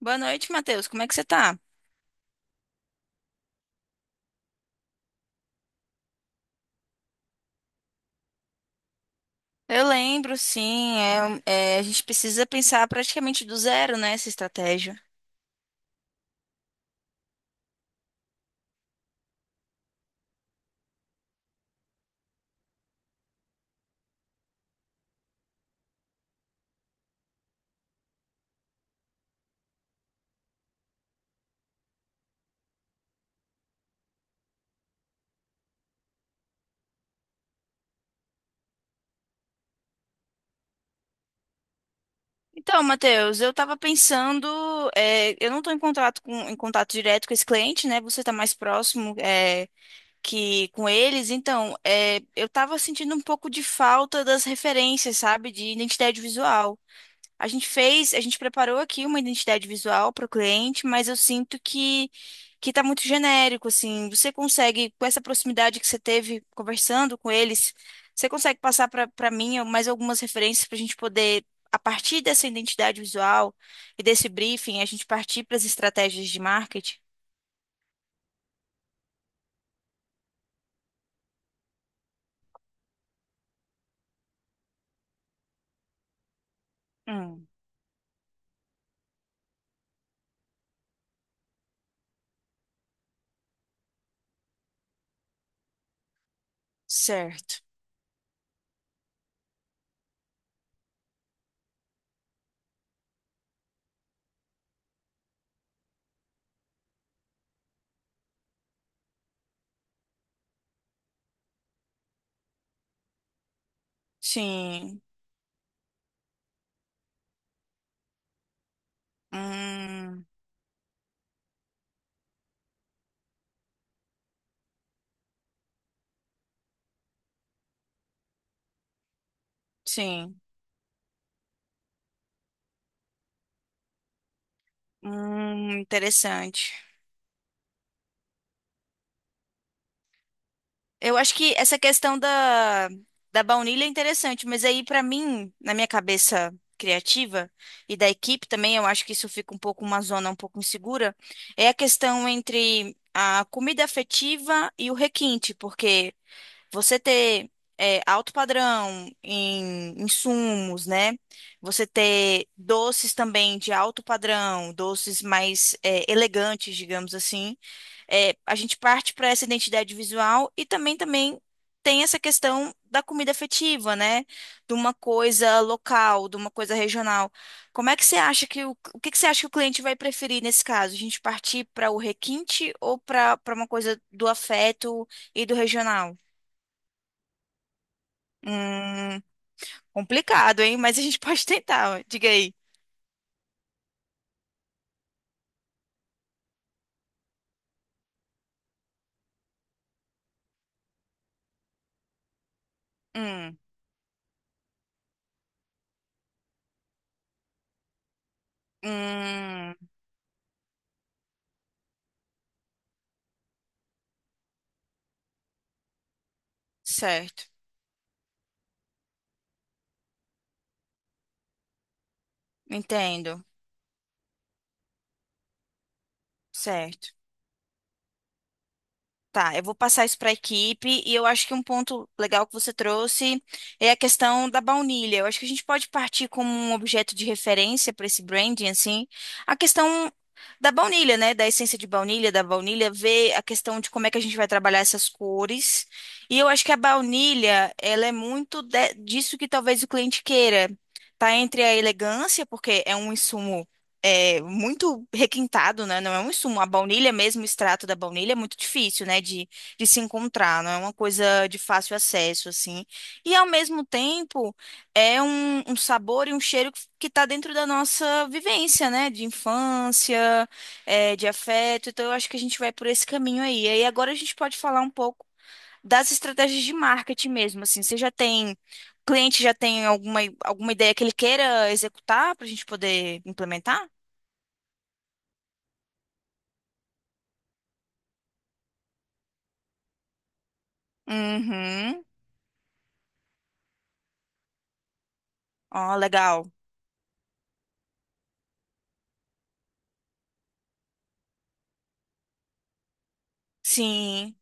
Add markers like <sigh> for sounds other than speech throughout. Boa noite, Matheus. Como é que você tá? Eu lembro, sim. A gente precisa pensar praticamente do zero, né, essa estratégia. Então, Matheus, eu estava pensando, eu não estou em contato com, em contato direto com esse cliente, né? Você está mais próximo, que com eles. Então, eu estava sentindo um pouco de falta das referências, sabe, de identidade visual. A gente fez, a gente preparou aqui uma identidade visual para o cliente, mas eu sinto que tá muito genérico, assim. Você consegue, com essa proximidade que você teve conversando com eles, você consegue passar para mim mais algumas referências para a gente poder, a partir dessa identidade visual e desse briefing, a gente partir para as estratégias de marketing? Hum, certo. Sim. Hum, sim. Interessante. Eu acho que essa questão da baunilha é interessante, mas aí pra mim, na minha cabeça criativa e da equipe também, eu acho que isso fica um pouco uma zona um pouco insegura, é a questão entre a comida afetiva e o requinte, porque você ter alto padrão em insumos, né? Você ter doces também de alto padrão, doces mais elegantes, digamos assim. É, a gente parte para essa identidade visual e também tem essa questão da comida afetiva, né? De uma coisa local, de uma coisa regional. Como é que você acha que o que que você acha que o cliente vai preferir nesse caso? A gente partir para o requinte ou para uma coisa do afeto e do regional? Hum, complicado, hein? Mas a gente <laughs> pode tentar. Ó. Diga aí. Hum, hum, certo. Entendo. Certo. Tá, eu vou passar isso para a equipe e eu acho que um ponto legal que você trouxe é a questão da baunilha. Eu acho que a gente pode partir como um objeto de referência para esse branding, assim, a questão da baunilha, né? Da essência de baunilha, da baunilha, ver a questão de como é que a gente vai trabalhar essas cores. E eu acho que a baunilha, ela é muito disso que talvez o cliente queira. Tá entre a elegância, porque é um insumo muito requintado, né? Não é um insumo. A baunilha mesmo, o extrato da baunilha é muito difícil, né? De se encontrar, não é uma coisa de fácil acesso, assim. E ao mesmo tempo é um sabor e um cheiro que está dentro da nossa vivência, né? De infância, de afeto. Então eu acho que a gente vai por esse caminho aí. E agora a gente pode falar um pouco das estratégias de marketing mesmo, assim. Você já tem o cliente já tem alguma, alguma ideia que ele queira executar para a gente poder implementar? Uhum. Ó, legal. Sim,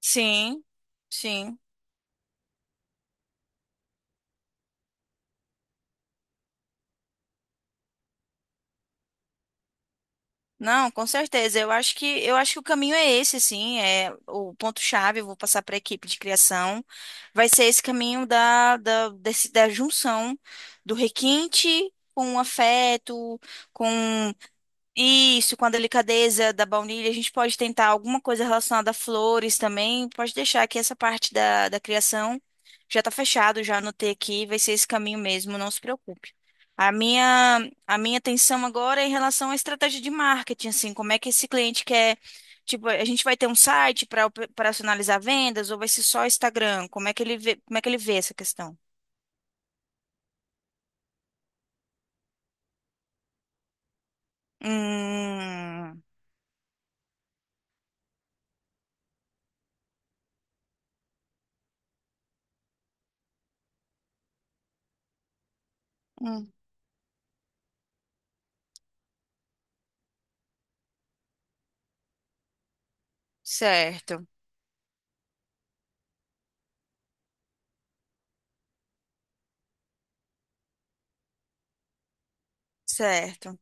sim, sim. Não, com certeza. Eu acho que o caminho é esse, assim, é o ponto-chave, eu vou passar para a equipe de criação. Vai ser esse caminho da junção do requinte com o afeto, com. Isso, com a delicadeza da baunilha, a gente pode tentar alguma coisa relacionada a flores também. Pode deixar que essa parte da criação já tá fechado, já anotei aqui, vai ser esse caminho mesmo, não se preocupe. A minha atenção agora é em relação à estratégia de marketing, assim, como é que esse cliente quer, tipo, a gente vai ter um site para operacionalizar vendas ou vai ser só Instagram? Como é que ele vê essa questão? Hum, hum, certo, certo.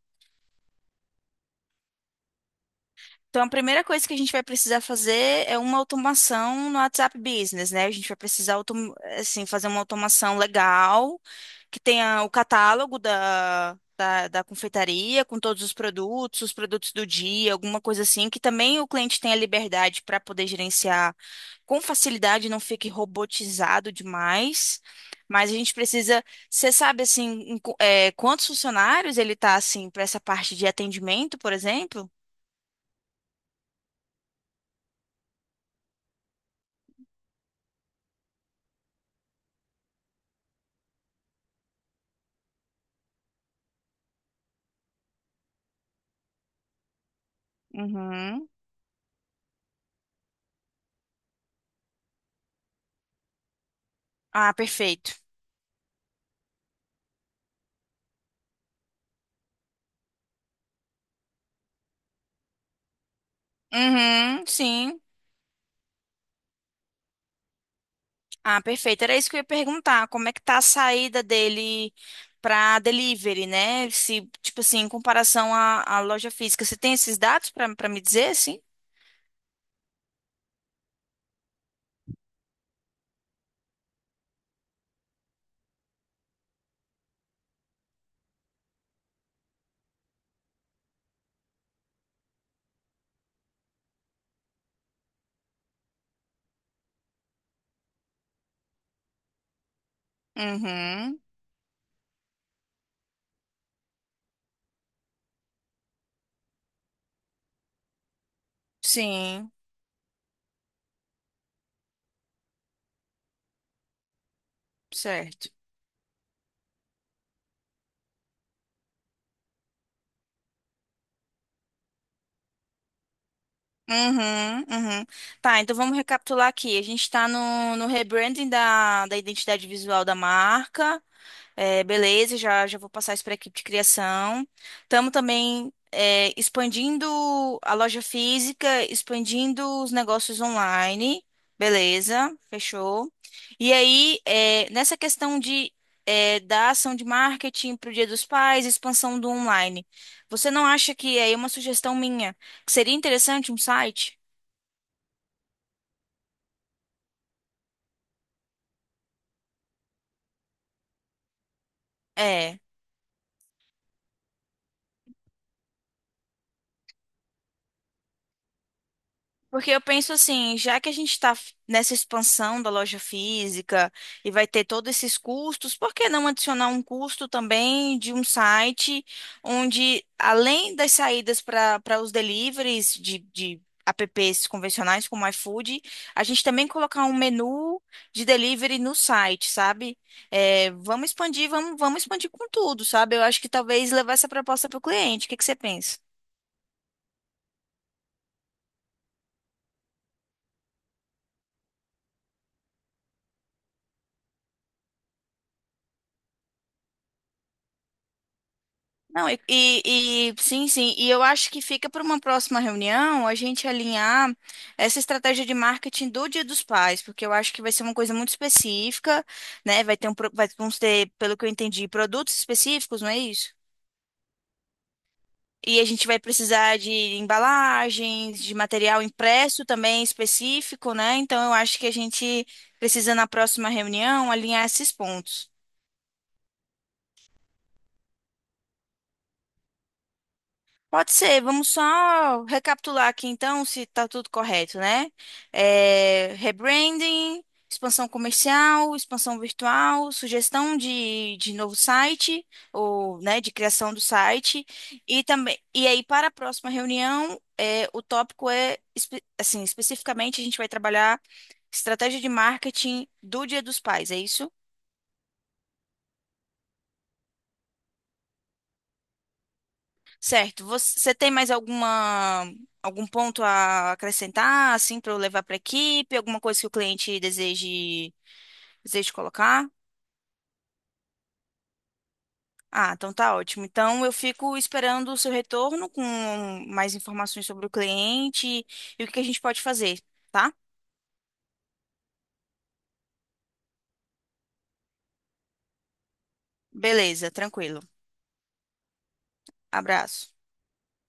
Então, a primeira coisa que a gente vai precisar fazer é uma automação no WhatsApp Business, né? A gente vai precisar, assim, fazer uma automação legal, que tenha o catálogo da confeitaria, com todos os produtos do dia, alguma coisa assim, que também o cliente tenha liberdade para poder gerenciar com facilidade, não fique robotizado demais. Mas a gente precisa, você sabe, assim, em quantos funcionários ele tá, assim, para essa parte de atendimento, por exemplo? Uhum. Ah, perfeito. Uhum, sim. Ah, perfeito. Era isso que eu ia perguntar. Como é que tá a saída dele para delivery, né? Se, tipo assim, em comparação à loja física, você tem esses dados para me dizer, assim? Uhum, sim, certo. Uhum, uhum. Tá, então vamos recapitular aqui. A gente está no rebranding da identidade visual da marca. É, beleza, já vou passar isso para a equipe de criação. Estamos também expandindo a loja física, expandindo os negócios online. Beleza, fechou. E aí, nessa questão de, da ação de marketing para o Dia dos Pais, expansão do online, você não acha que aí é uma sugestão minha que seria interessante um site? É. Porque eu penso assim, já que a gente está nessa expansão da loja física e vai ter todos esses custos, por que não adicionar um custo também de um site onde, além das saídas para os deliveries de apps convencionais como iFood, a gente também colocar um menu de delivery no site, sabe? É, vamos expandir, vamos expandir com tudo, sabe? Eu acho que talvez levar essa proposta para o cliente. O que que você pensa? Não, sim, sim. E eu acho que fica para uma próxima reunião a gente alinhar essa estratégia de marketing do Dia dos Pais, porque eu acho que vai ser uma coisa muito específica, né? Vai ter um, vamos ter, pelo que eu entendi, produtos específicos, não é isso? E a gente vai precisar de embalagens, de material impresso também específico, né? Então eu acho que a gente precisa na próxima reunião alinhar esses pontos. Pode ser, vamos só recapitular aqui então se está tudo correto, né? É, rebranding, expansão comercial, expansão virtual, sugestão de novo site, ou né, de criação do site, e também e aí para a próxima reunião, é, o tópico é assim, especificamente a gente vai trabalhar estratégia de marketing do Dia dos Pais, é isso? Certo. Você tem mais alguma algum ponto a acrescentar, assim, para eu levar para a equipe? Alguma coisa que o cliente deseje colocar? Ah, então tá ótimo. Então eu fico esperando o seu retorno com mais informações sobre o cliente e o que que a gente pode fazer, tá? Beleza, tranquilo. Abraço.